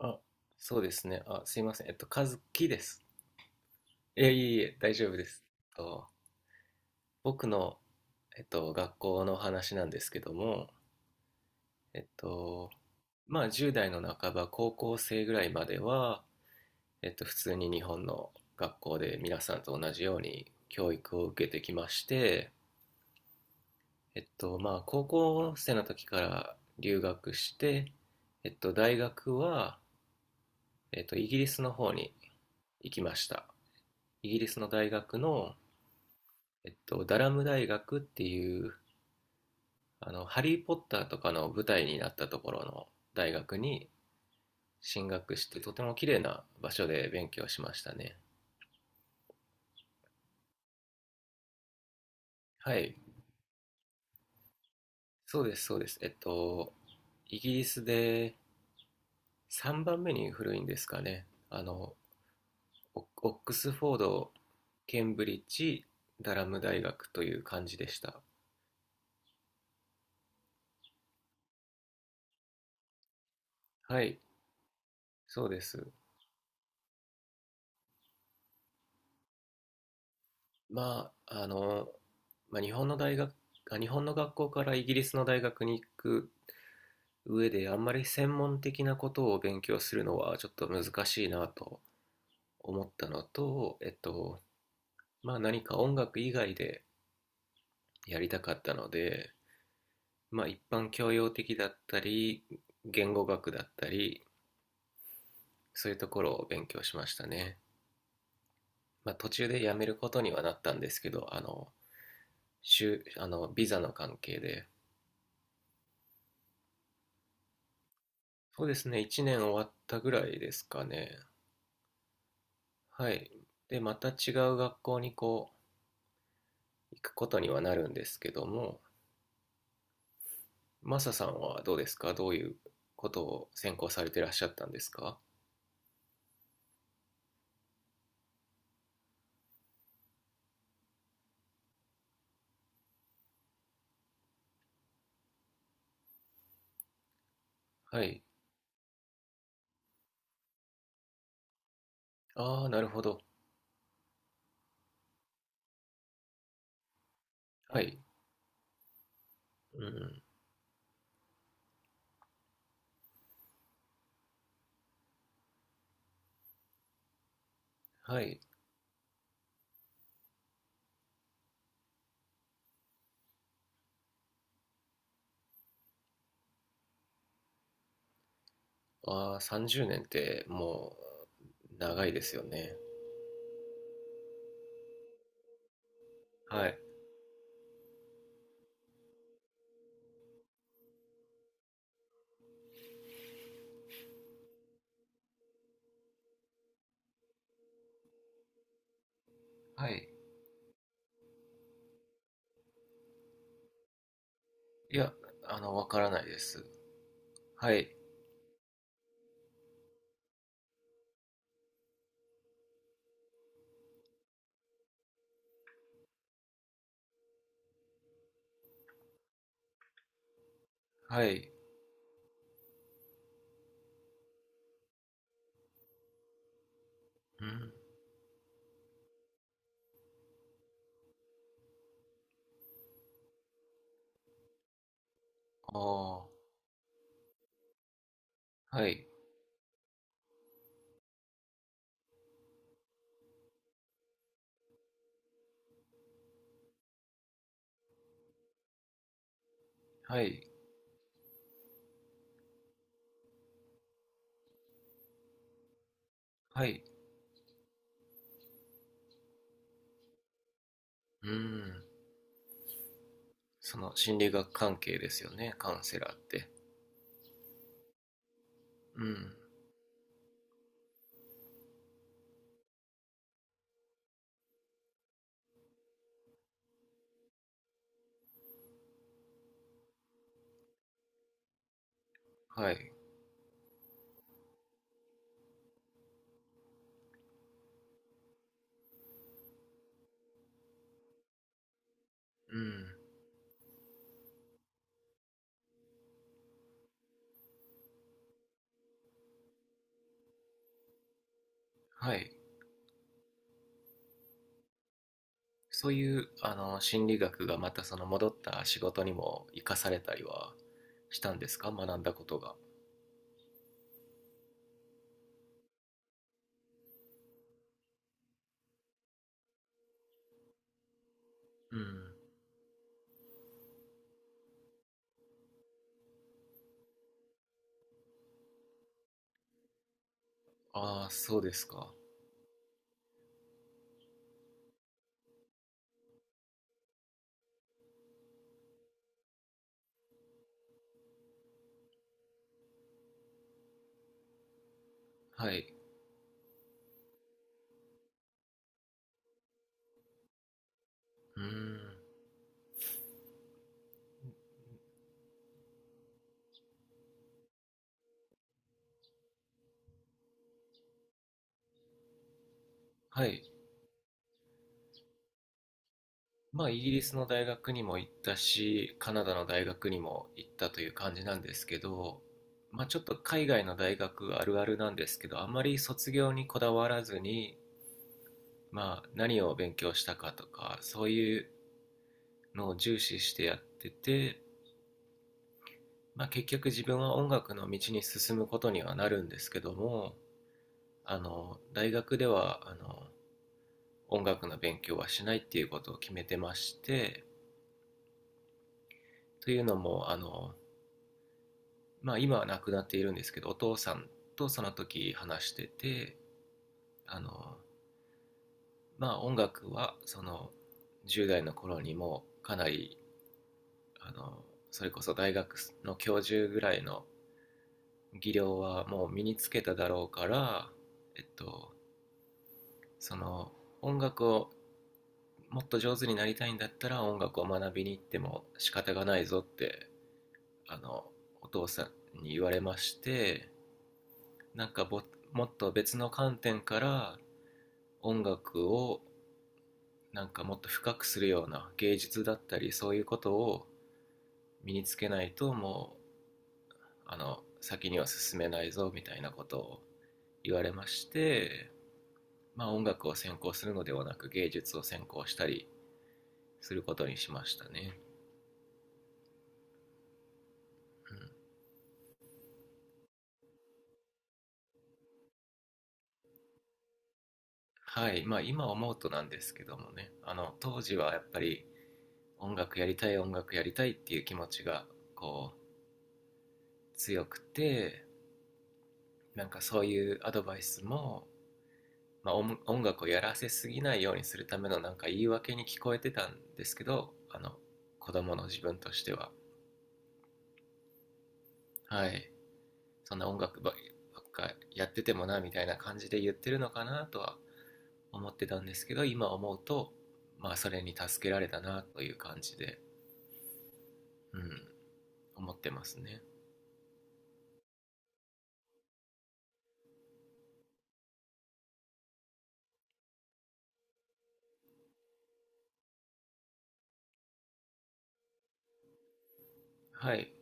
あ、そうですね。あ、すいません。和樹です。いやいえいえ、大丈夫です。と、僕の、学校の話なんですけども、えっと、まあ、10代の半ば、高校生ぐらいまでは、普通に日本の学校で皆さんと同じように教育を受けてきまして、まあ、高校生の時から留学して、大学は、イギリスの方に行きました。イギリスの大学の、ダラム大学っていう、あの、ハリー・ポッターとかの舞台になったところの大学に進学して、とても綺麗な場所で勉強しましたね。はい。そうです、そうです。イギリスで3番目に古いんですかね。あの、オオックスフォード、ケンブリッジ、ダラム大学という感じでした。はい、そうです。まあ、あの、まあ、日本の学校からイギリスの大学に行く上であんまり専門的なことを勉強するのはちょっと難しいなと思ったのと、まあ何か音楽以外でやりたかったので、まあ一般教養的だったり、言語学だったり、そういうところを勉強しましたね。まあ途中でやめることにはなったんですけど、あの、週あのビザの関係で。そうですね、1年終わったぐらいですかね。はい。で、また違う学校にこう、行くことにはなるんですけども、マサさんはどうですか？どういうことを専攻されてらっしゃったんですか？はい。ああ、なるほど。はい。うん。はい。ああ、30年ってもう長いですよね。はい。はい。いや、あの、わからないです。はい。はい。うん。ああ、はい。はい。はい。うん。その心理学関係ですよね。カウンセラーって。うん。はい。うん。はい。そういうあの心理学がまたその戻った仕事にも生かされたりはしたんですか？学んだことが。うん。ああ、そうですか。はい。うーん。はい。まあ、イギリスの大学にも行ったし、カナダの大学にも行ったという感じなんですけど、まあ、ちょっと海外の大学あるあるなんですけど、あまり卒業にこだわらずに、まあ、何を勉強したかとか、そういうのを重視してやってて、まあ、結局自分は音楽の道に進むことにはなるんですけども、あの大学ではあの音楽の勉強はしないっていうことを決めてまして、というのもあの、まあ、今は亡くなっているんですけどお父さんとその時話してて、あの、まあ、音楽はその10代の頃にもかなりあのそれこそ大学の教授ぐらいの技量はもう身につけただろうから、えっと、その音楽をもっと上手になりたいんだったら音楽を学びに行っても仕方がないぞって、あのお父さんに言われまして、なんかもっと別の観点から音楽をなんかもっと深くするような芸術だったりそういうことを身につけないともうあの先には進めないぞみたいなことを言われまして、まあ、音楽を専攻するのではなく芸術を専攻したりすることにしましたね。うん。はい、まあ今思うとなんですけどもね、あの当時はやっぱり音楽やりたい音楽やりたいっていう気持ちがこう強くて、なんかそういうアドバイスも、まあ、音楽をやらせすぎないようにするためのなんか言い訳に聞こえてたんですけど、あの子供の自分としては、はい、そんな音楽ばっかやっててもなみたいな感じで言ってるのかなとは思ってたんですけど、今思うと、まあそれに助けられたなという感じで、うん。思ってますね。はい。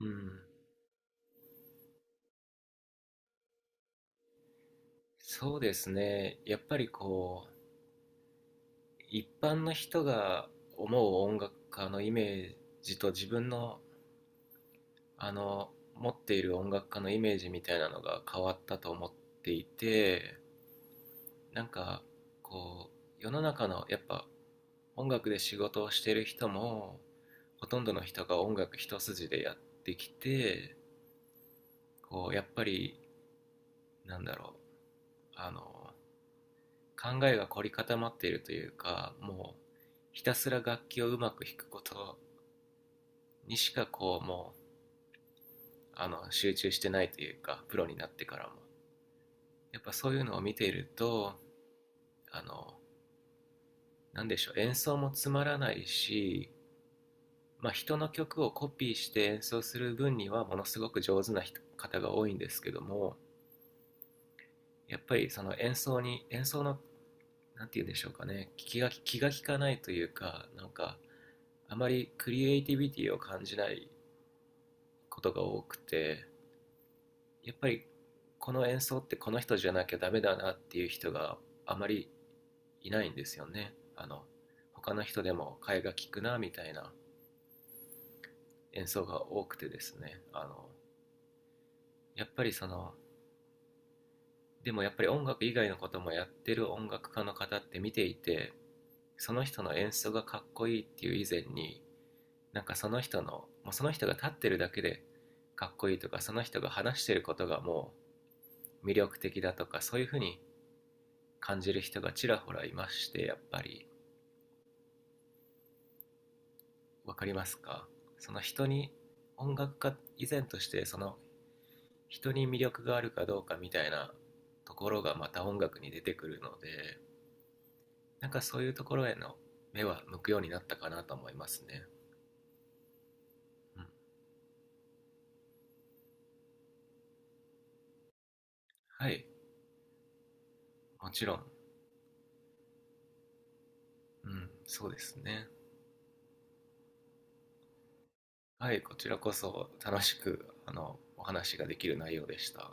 うん。そうですね。やっぱりこう、一般の人が思う音楽家のイメージと自分の、あの、持っている音楽家のイメージみたいなのが変わったと思っていて、なんか、こう、世の中の、やっぱ、音楽で仕事をしている人も、ほとんどの人が音楽一筋でやってきて、こう、やっぱり、なんだろう、あの、考えが凝り固まっているというかもうひたすら楽器をうまく弾くことにしかこうもうあの集中してないというかプロになってからも、やっぱそういうのを見ているとあの、なんでしょう、演奏もつまらないし、まあ、人の曲をコピーして演奏する分にはものすごく上手な人方が多いんですけども、やっぱりその演奏に演奏の何て言うんでしょうかね、気が利かないというかなんかあまりクリエイティビティを感じないことが多くて、やっぱりこの演奏ってこの人じゃなきゃダメだなっていう人があまりいないんですよね、あの他の人でも替えが利くなみたいな演奏が多くてですね、あのやっぱりそのでもやっぱり音楽以外のこともやってる音楽家の方って見ていて、その人の演奏がかっこいいっていう以前になんかその人のもうその人が立ってるだけでかっこいいとかその人が話してることがもう魅力的だとかそういうふうに感じる人がちらほらいましてやっぱり、分かりますか？その人に音楽家以前としてその人に魅力があるかどうかみたいなところがまた音楽に出てくるので、なんかそういうところへの目は向くようになったかなと思いますね、うん、はいもちろん、うん、そうですね。はいこちらこそ楽しくあのお話ができる内容でした。